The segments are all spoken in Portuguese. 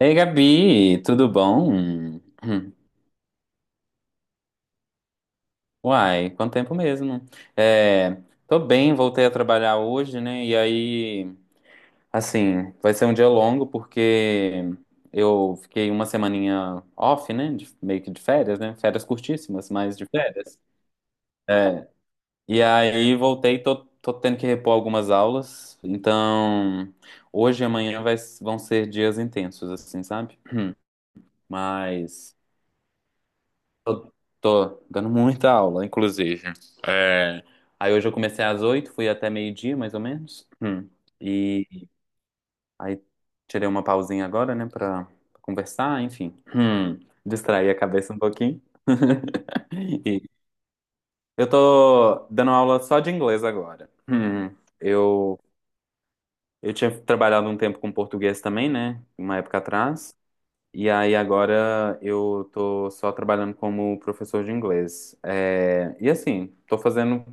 Ei, Gabi, tudo bom? Hum. Uai, quanto tempo mesmo. É, tô bem, voltei a trabalhar hoje, né? E aí, assim, vai ser um dia longo porque eu fiquei uma semaninha off, né? Meio que de férias, né? Férias curtíssimas, mas de férias. É, e aí voltei, tô tendo que repor algumas aulas. Então, hoje e amanhã vão ser dias intensos, assim, sabe? Mas. Eu tô dando muita aula, inclusive. É, Aí hoje eu comecei às 8h, fui até meio-dia, mais ou menos. Hum. E aí tirei uma pausinha agora, né, pra conversar, enfim. Hum. Distrair a cabeça um pouquinho. E eu tô dando aula só de inglês agora. Hum. Eu, eu tinha trabalhado um tempo com português também, né, uma época atrás. E aí agora eu tô só trabalhando como professor de inglês. E assim,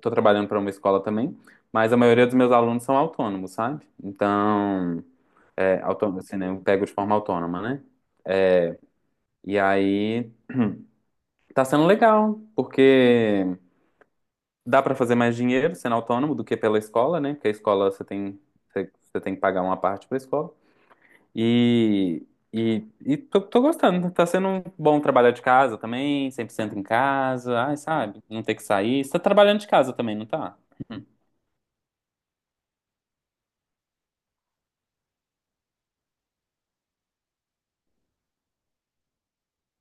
tô trabalhando para uma escola também, mas a maioria dos meus alunos são autônomos, sabe? Então, autônomo, assim, né? Eu pego de forma autônoma, né? E aí tá sendo legal, porque dá para fazer mais dinheiro sendo autônomo do que pela escola, né? Porque a escola você tem que pagar uma parte para a escola. E, e tô gostando. Tá sendo um bom trabalhar de casa também, 100% em casa. Ai, sabe? Não ter que sair. Você tá trabalhando de casa também, não tá?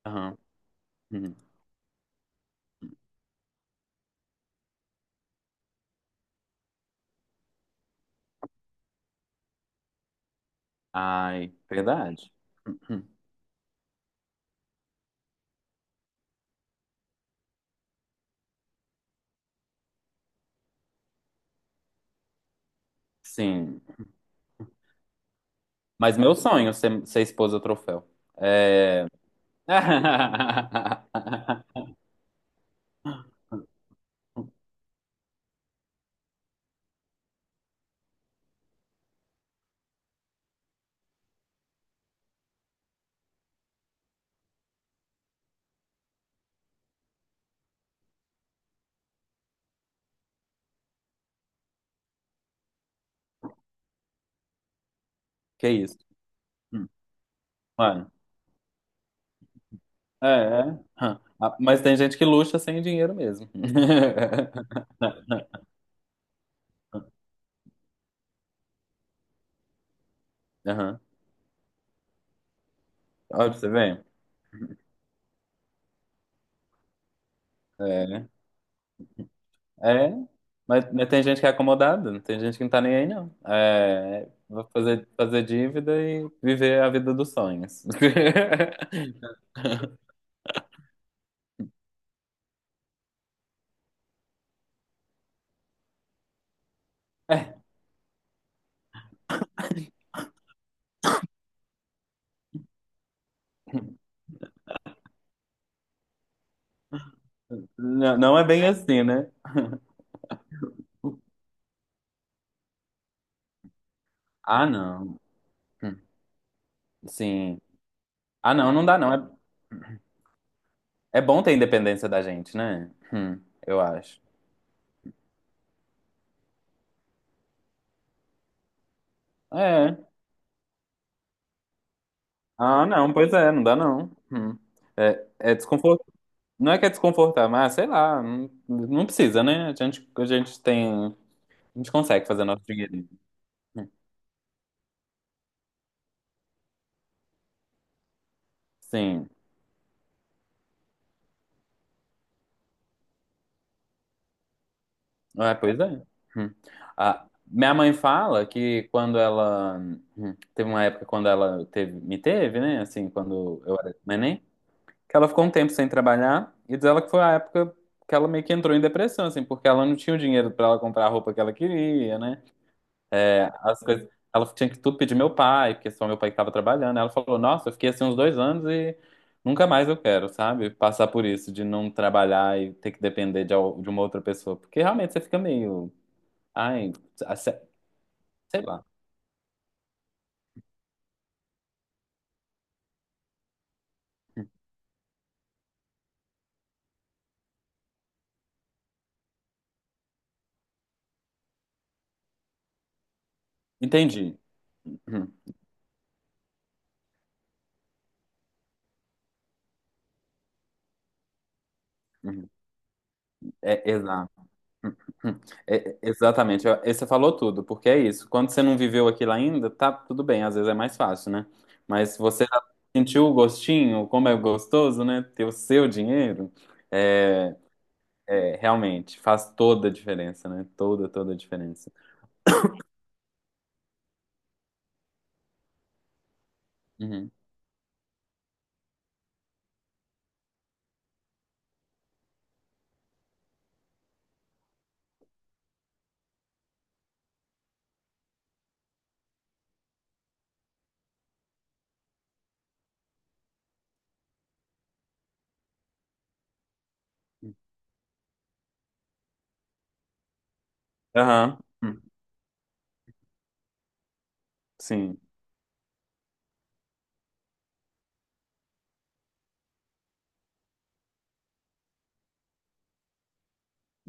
Aham. Uhum. Ai, verdade. Uhum. Sim. Mas meu sonho é ser esposa troféu. É. Que isso? Hum, mano. É, é. Hã. Ah, mas tem gente que luxa sem dinheiro mesmo. Aham. Olha pra você ver. É. É. Mas tem gente que é acomodada, tem gente que não tá nem aí, não. Vou fazer, dívida e viver a vida dos sonhos. É, não, não é bem assim, né? Ah, não. Hum, sim. Ah, não, não dá, não. É bom ter independência da gente, né? Eu acho. É. Ah, não, pois é, não dá, não. Hum. É desconfortável. Não é que é desconfortável, mas sei lá, não, não precisa, né? A gente tem. A gente consegue fazer nosso dinheirinho. Sim. É, pois é. Hum. Ah, minha mãe fala que quando ela. Teve uma época quando ela me teve, né? Assim, quando eu era neném, que ela ficou um tempo sem trabalhar e diz ela que foi a época que ela meio que entrou em depressão, assim, porque ela não tinha o dinheiro pra ela comprar a roupa que ela queria, né? As coisas. Ela tinha que tudo pedir meu pai, porque só meu pai que estava trabalhando. Ela falou: Nossa, eu fiquei assim uns 2 anos e nunca mais eu quero, sabe? Passar por isso, de não trabalhar e ter que depender de uma outra pessoa. Porque realmente você fica meio. Ai, sei lá. Entendi. Uhum, uhum. É, exato. É, exatamente, você falou tudo, porque é isso. Quando você não viveu aquilo ainda, tá tudo bem, às vezes é mais fácil, né? Mas você já sentiu o gostinho, como é gostoso, né? Ter o seu dinheiro, é, realmente faz toda a diferença, né? Toda, toda a diferença. Uhum. Aham. Hum. Sim,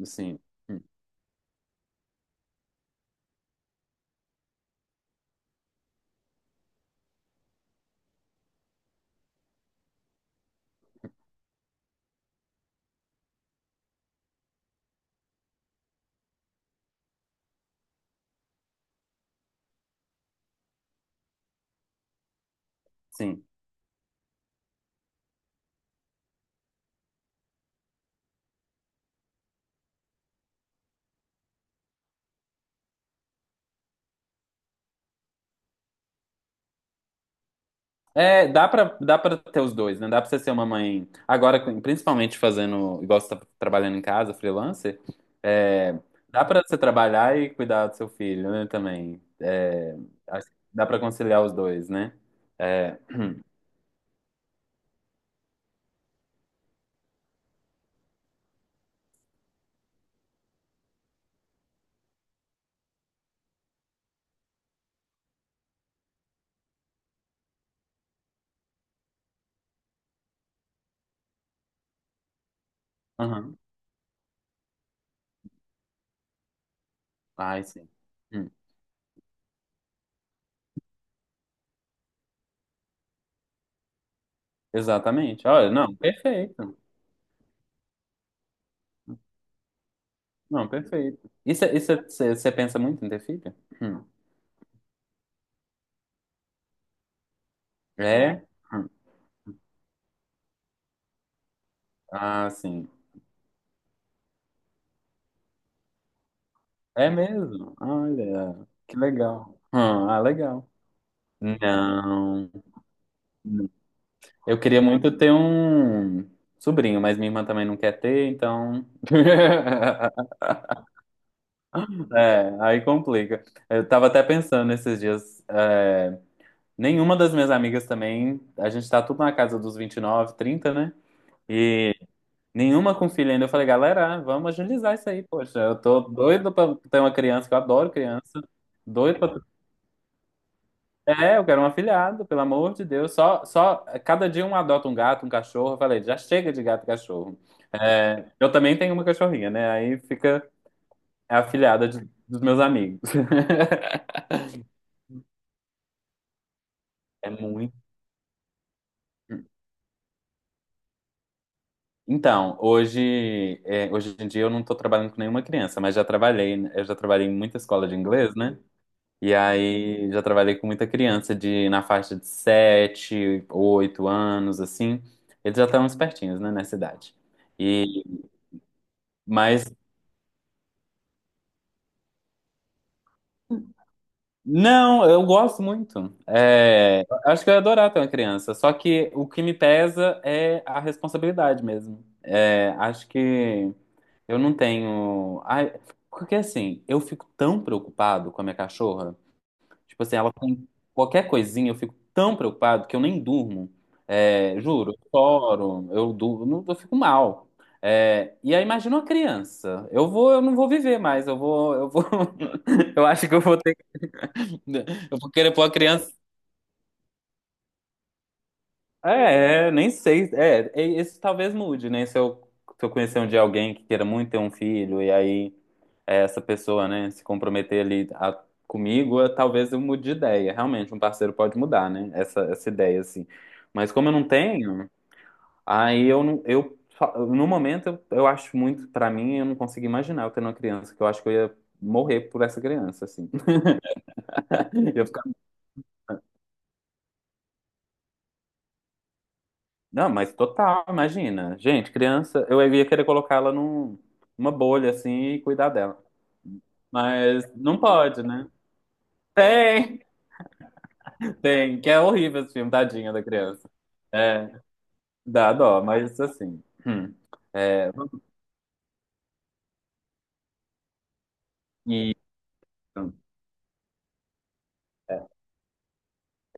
sim. Hum. Sim. Dá pra ter os dois, né? Dá pra você ser uma mãe. Agora, principalmente fazendo, igual você tá trabalhando em casa, freelancer, é, dá pra você trabalhar e cuidar do seu filho, né? Também. Acho que dá pra conciliar os dois, né? É, aham. Ai, sim. Hum, Exatamente. Olha, não, perfeito. Não, perfeito. Isso, isso. Você pensa muito em ter filho? Hum. É? Hum. Ah, sim. É mesmo? Olha, que legal. Ah, legal. Não. Eu queria muito ter um sobrinho, mas minha irmã também não quer ter, então. É, aí complica. Eu tava até pensando esses dias. Nenhuma das minhas amigas também. A gente tá tudo na casa dos 29, 30, né? E nenhuma com filho ainda. Eu falei, galera, vamos agilizar isso aí, poxa. Eu tô doido pra ter uma criança, que eu adoro criança. Doido pra eu quero um afilhado, pelo amor de Deus. Cada dia um adota um gato, um cachorro. Eu falei, já chega de gato e cachorro. Eu também tenho uma cachorrinha, né? Aí fica a afilhada dos meus amigos. É muito. Então, hoje em dia eu não estou trabalhando com nenhuma criança, mas já trabalhei, né? Eu já trabalhei em muita escola de inglês, né? E aí já trabalhei com muita criança de na faixa de 7, 8 anos, assim. Eles já estão espertinhos, né, nessa idade. E, mas Não, eu gosto muito. Acho que eu ia adorar ter uma criança. Só que o que me pesa é a responsabilidade mesmo. Acho que eu não tenho. Ai, porque assim, eu fico tão preocupado com a minha cachorra. Tipo assim, ela com qualquer coisinha eu fico tão preocupado que eu nem durmo. Juro, eu choro, eu durmo, eu fico mal. E aí imagina uma criança. Eu não vou viver mais, eu acho que eu vou querer pôr a criança. Nem sei. Isso talvez mude, né? Se eu conhecer um dia alguém que queira muito ter um filho e aí essa pessoa, né, se comprometer ali comigo, talvez eu mude de ideia. Realmente, um parceiro pode mudar, né, essa ideia, assim. Mas como eu não tenho, aí eu não, eu, fa- no momento, eu acho muito, pra mim, eu não consigo imaginar eu tendo uma criança, que eu acho que eu ia morrer por essa criança, assim. Eu ia ficar, não, mas total, imagina. Gente, criança, eu ia querer colocar ela numa bolha, assim, e cuidar dela. Mas não pode, né? Tem, tem, que é horrível esse filme, tadinha da criança. É. Dá dó, mas assim. É, e,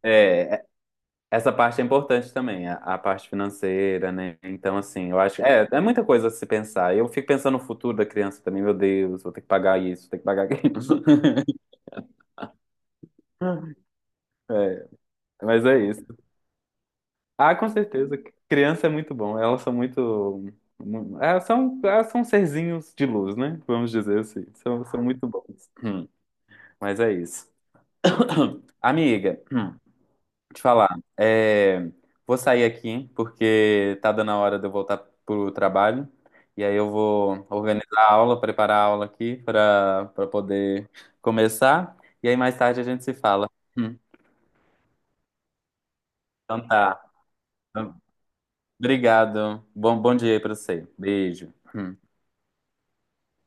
é, é, essa parte é importante também, a parte financeira, né? Então, assim, eu acho. É muita coisa a se pensar. Eu fico pensando no futuro da criança também, meu Deus, vou ter que pagar isso, vou ter que pagar aquilo. É, mas é isso. Ah, com certeza. Criança é muito bom. Elas são muito. Mu- elas são serzinhos de luz, né? Vamos dizer assim. São muito bons. Mas é isso. Amiga, te falar, é, vou sair aqui porque tá dando a hora de eu voltar pro trabalho. E aí eu vou organizar a aula, preparar a aula aqui para poder começar. E aí mais tarde a gente se fala. Hum. Então tá. Obrigado. Bom dia aí pra você. Beijo. Hum.